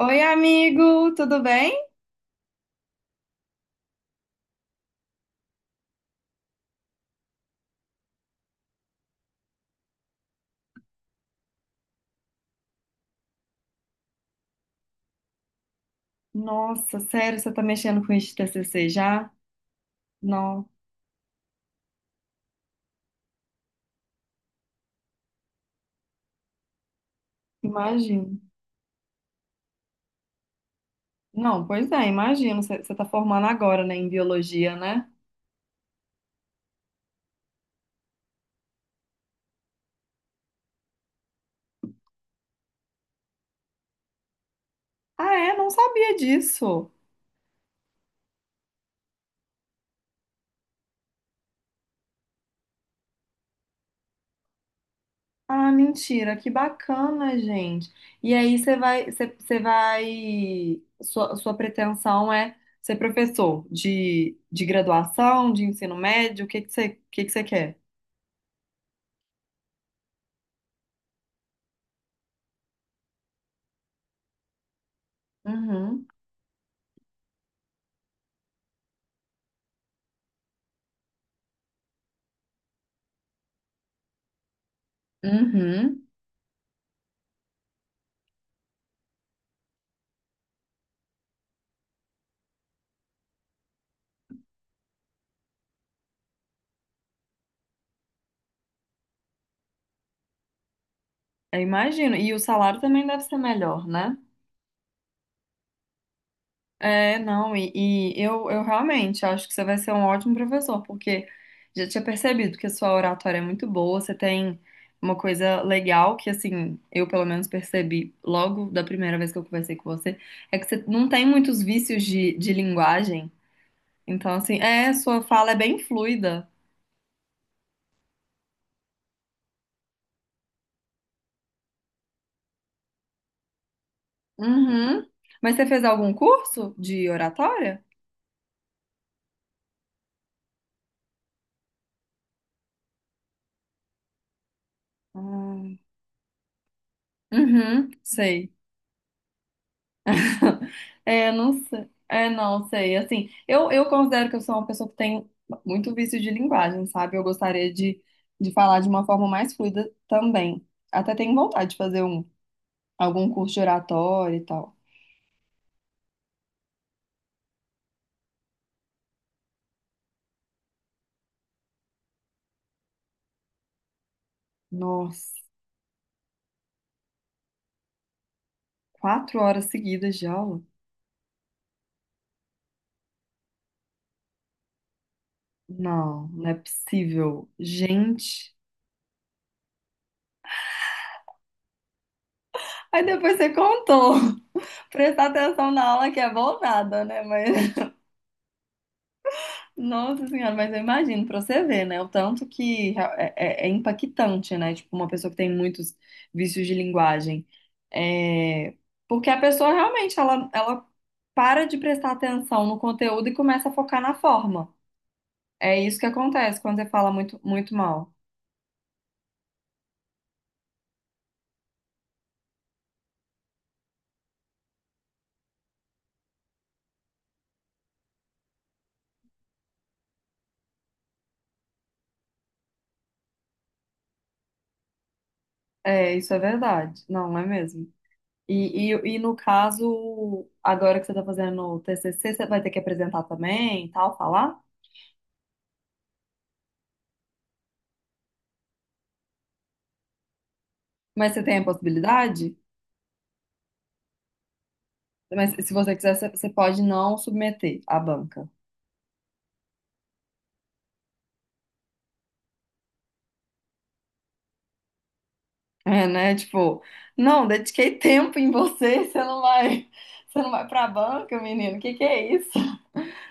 Oi, amigo, tudo bem? Nossa, sério, você tá mexendo com isso de TCC já? Não, imagino. Não, pois é, imagino. Você tá formando agora, né, em biologia, né? Ah, é? Não sabia disso. Ah, mentira, que bacana, gente. E aí, você vai, você, você vai, sua, sua pretensão é ser professor de graduação, de ensino médio? O que você quer? Uhum, uhum. Eu imagino. E o salário também deve ser melhor, né? Não, eu realmente acho que você vai ser um ótimo professor, porque já tinha percebido que a sua oratória é muito boa. Você tem uma coisa legal que, assim, eu pelo menos percebi logo da primeira vez que eu conversei com você, é que você não tem muitos vícios de linguagem. Então, assim, é, sua fala é bem fluida. Uhum. Mas você fez algum curso de oratória? Hum. Uhum, sei. É, não sei. É, não sei. Assim, eu considero que eu sou uma pessoa que tem muito vício de linguagem, sabe? De falar de uma forma mais fluida também. Até tenho vontade de fazer um, Algum curso de oratória e tal. Nossa, quatro horas seguidas de aula? Não, não é possível. Gente. Aí depois você contou. Prestar atenção na aula que é voltada, né? Mas nossa senhora, mas eu imagino, pra você ver, né? O tanto que rea- é, é- É impactante, né? Tipo, uma pessoa que tem muitos vícios de linguagem. É. Porque a pessoa realmente, ela para de prestar atenção no conteúdo e começa a focar na forma. É isso que acontece quando você fala muito, muito mal. É, isso é verdade. Não, não é mesmo? E no caso, agora que você tá fazendo o TCC, você vai ter que apresentar também e tal, falar? Mas você tem a possibilidade? Mas se você quiser, você pode não submeter à banca. É, né? Tipo, não, dediquei tempo em você, você não vai pra banca, menino. Que é isso?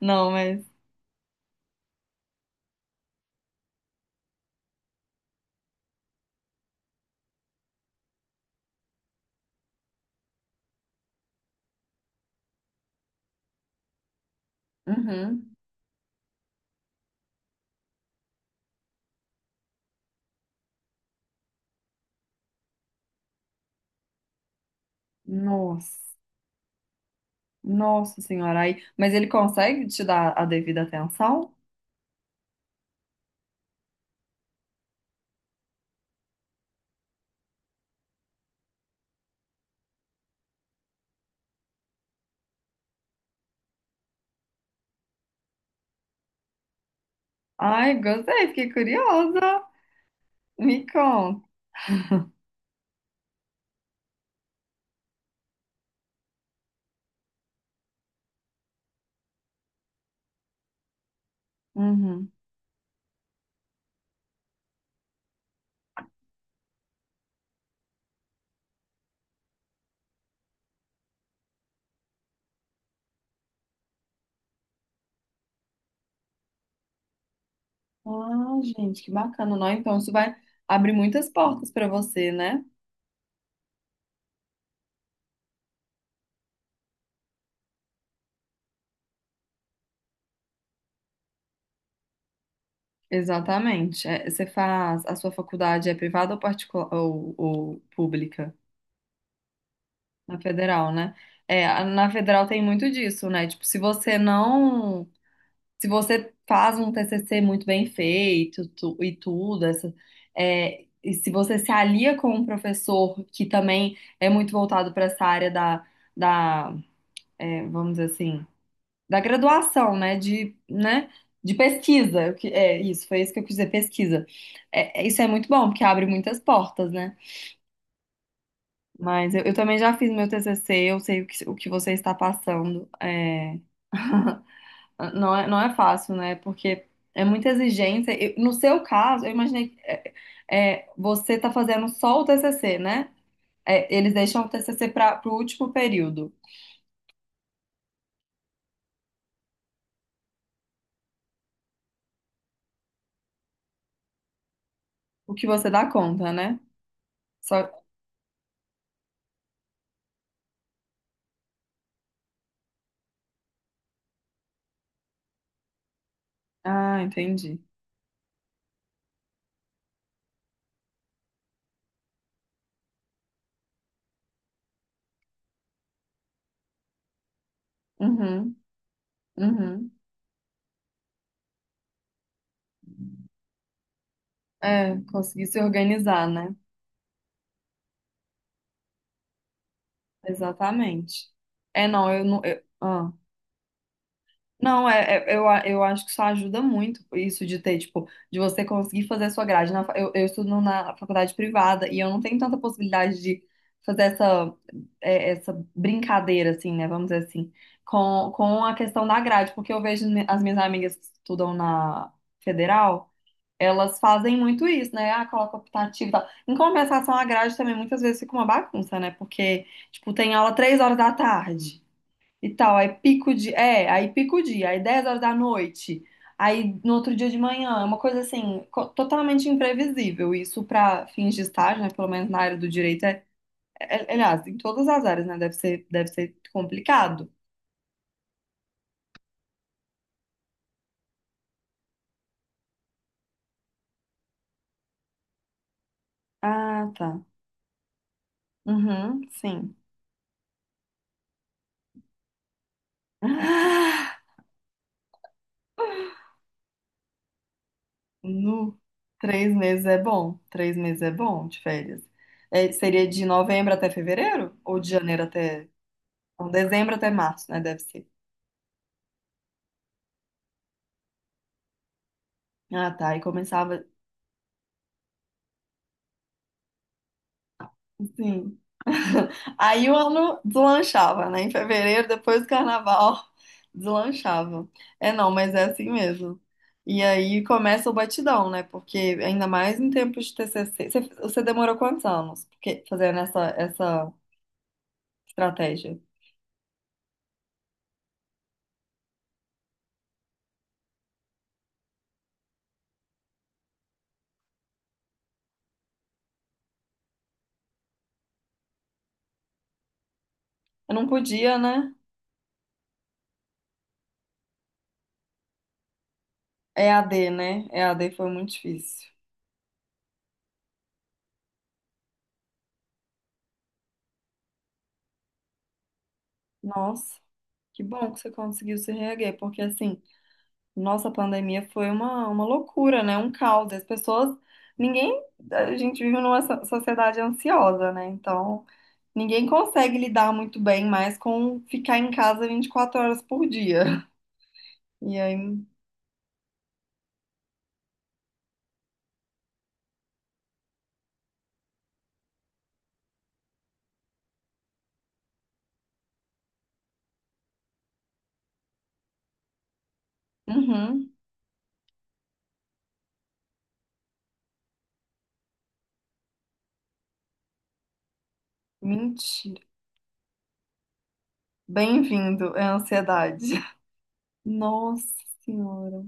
Não, mas uhum. Nossa. Nossa senhora, aí, mas ele consegue te dar a devida atenção? Ai, gostei, fiquei curiosa. Me conta. Uhum. Ah, gente, que bacana, não? Então isso vai abrir muitas portas pra você, né? Exatamente. É, você faz, a sua faculdade é privada ou particular, ou pública? Na federal, né? Na federal tem muito disso, né? Tipo, se você faz um TCC muito bem feito e tudo, e se você se alia com um professor que também é muito voltado para essa área da, vamos dizer assim, da graduação, né? De, né? De pesquisa, que é isso, foi isso que eu quis dizer, pesquisa. Isso é muito bom, porque abre muitas portas, né? Mas eu também já fiz meu TCC. Eu sei o que você está passando. É, não é fácil, né? Porque é muita exigência. No seu caso, eu imaginei que você está fazendo só o TCC, né? É, eles deixam o TCC para o último período, o que você dá conta, né? Só... Ah, entendi. Uhum, uhum. É, conseguir se organizar, né? Exatamente. É, não, eu não. Não, é, eu acho que isso ajuda muito, isso de ter, tipo, de você conseguir fazer a sua grade. Eu estudo na faculdade privada e eu não tenho tanta possibilidade de fazer essa, essa brincadeira, assim, né? Vamos dizer assim, com a questão da grade, porque eu vejo as minhas amigas que estudam na federal. Elas fazem muito isso, né? Ah, coloca optativo e tal. Em compensação, a grade também muitas vezes fica uma bagunça, né? Porque, tipo, tem aula três horas da tarde e tal, aí pico o dia, aí 10 horas da noite, aí no outro dia de manhã, é uma coisa assim, totalmente imprevisível. Isso para fins de estágio, né? Pelo menos na área do direito, aliás, em todas as áreas, né? Deve ser complicado. Ah, tá. Uhum, sim. No, três meses é bom. Três meses é bom de férias. É, seria de novembro até fevereiro? Ou de janeiro até. Não, dezembro até março, né? Deve ser. Ah, tá. E começava. Sim. Aí o ano deslanchava, né? Em fevereiro, depois do carnaval, deslanchava. É, não, mas é assim mesmo. E aí começa o batidão, né? Porque ainda mais em tempo de TCC. Você demorou quantos anos? Porque fazendo essa estratégia? Eu não podia, né? É a D, né? É a D foi muito difícil. Nossa, que bom que você conseguiu se reerguer, porque assim, nossa, a pandemia foi uma loucura, né? Um caos. As pessoas, ninguém, a gente vive numa sociedade ansiosa, né? Então, ninguém consegue lidar muito bem mais com ficar em casa 24 horas por dia. E aí, uhum, mentira. Bem-vindo, é ansiedade. Nossa Senhora.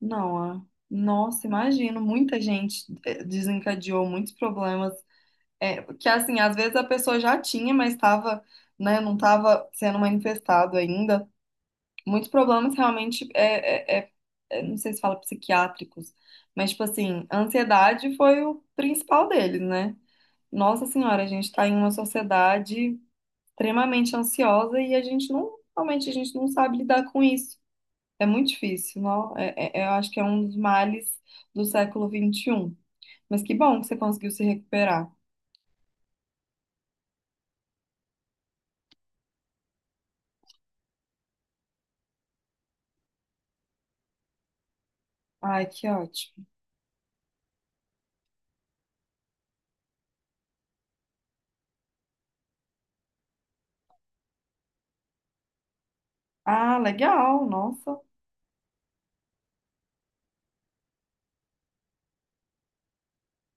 Não, ah. Nossa, imagino, muita gente eh, desencadeou muitos problemas, é, que assim, às vezes a pessoa já tinha, mas estava, né, não estava sendo manifestado ainda. Muitos problemas realmente, é, não sei se fala psiquiátricos, mas tipo assim, a ansiedade foi o principal deles, né? Nossa Senhora, a gente está em uma sociedade extremamente ansiosa e a gente não, realmente a gente não sabe lidar com isso. É muito difícil, não? É, eu acho que é um dos males do século XXI. Mas que bom que você conseguiu se recuperar. Ai, que ótimo. Ah, legal, nossa.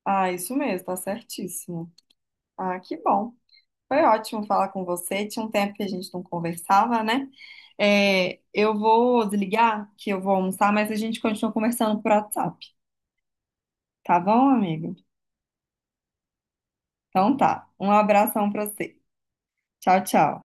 Ah, isso mesmo, tá certíssimo. Ah, que bom. Foi ótimo falar com você. Tinha um tempo que a gente não conversava, né? É, eu vou desligar, que eu vou almoçar, mas a gente continua conversando por WhatsApp. Tá bom, amigo? Então tá. Um abração pra você. Tchau, tchau.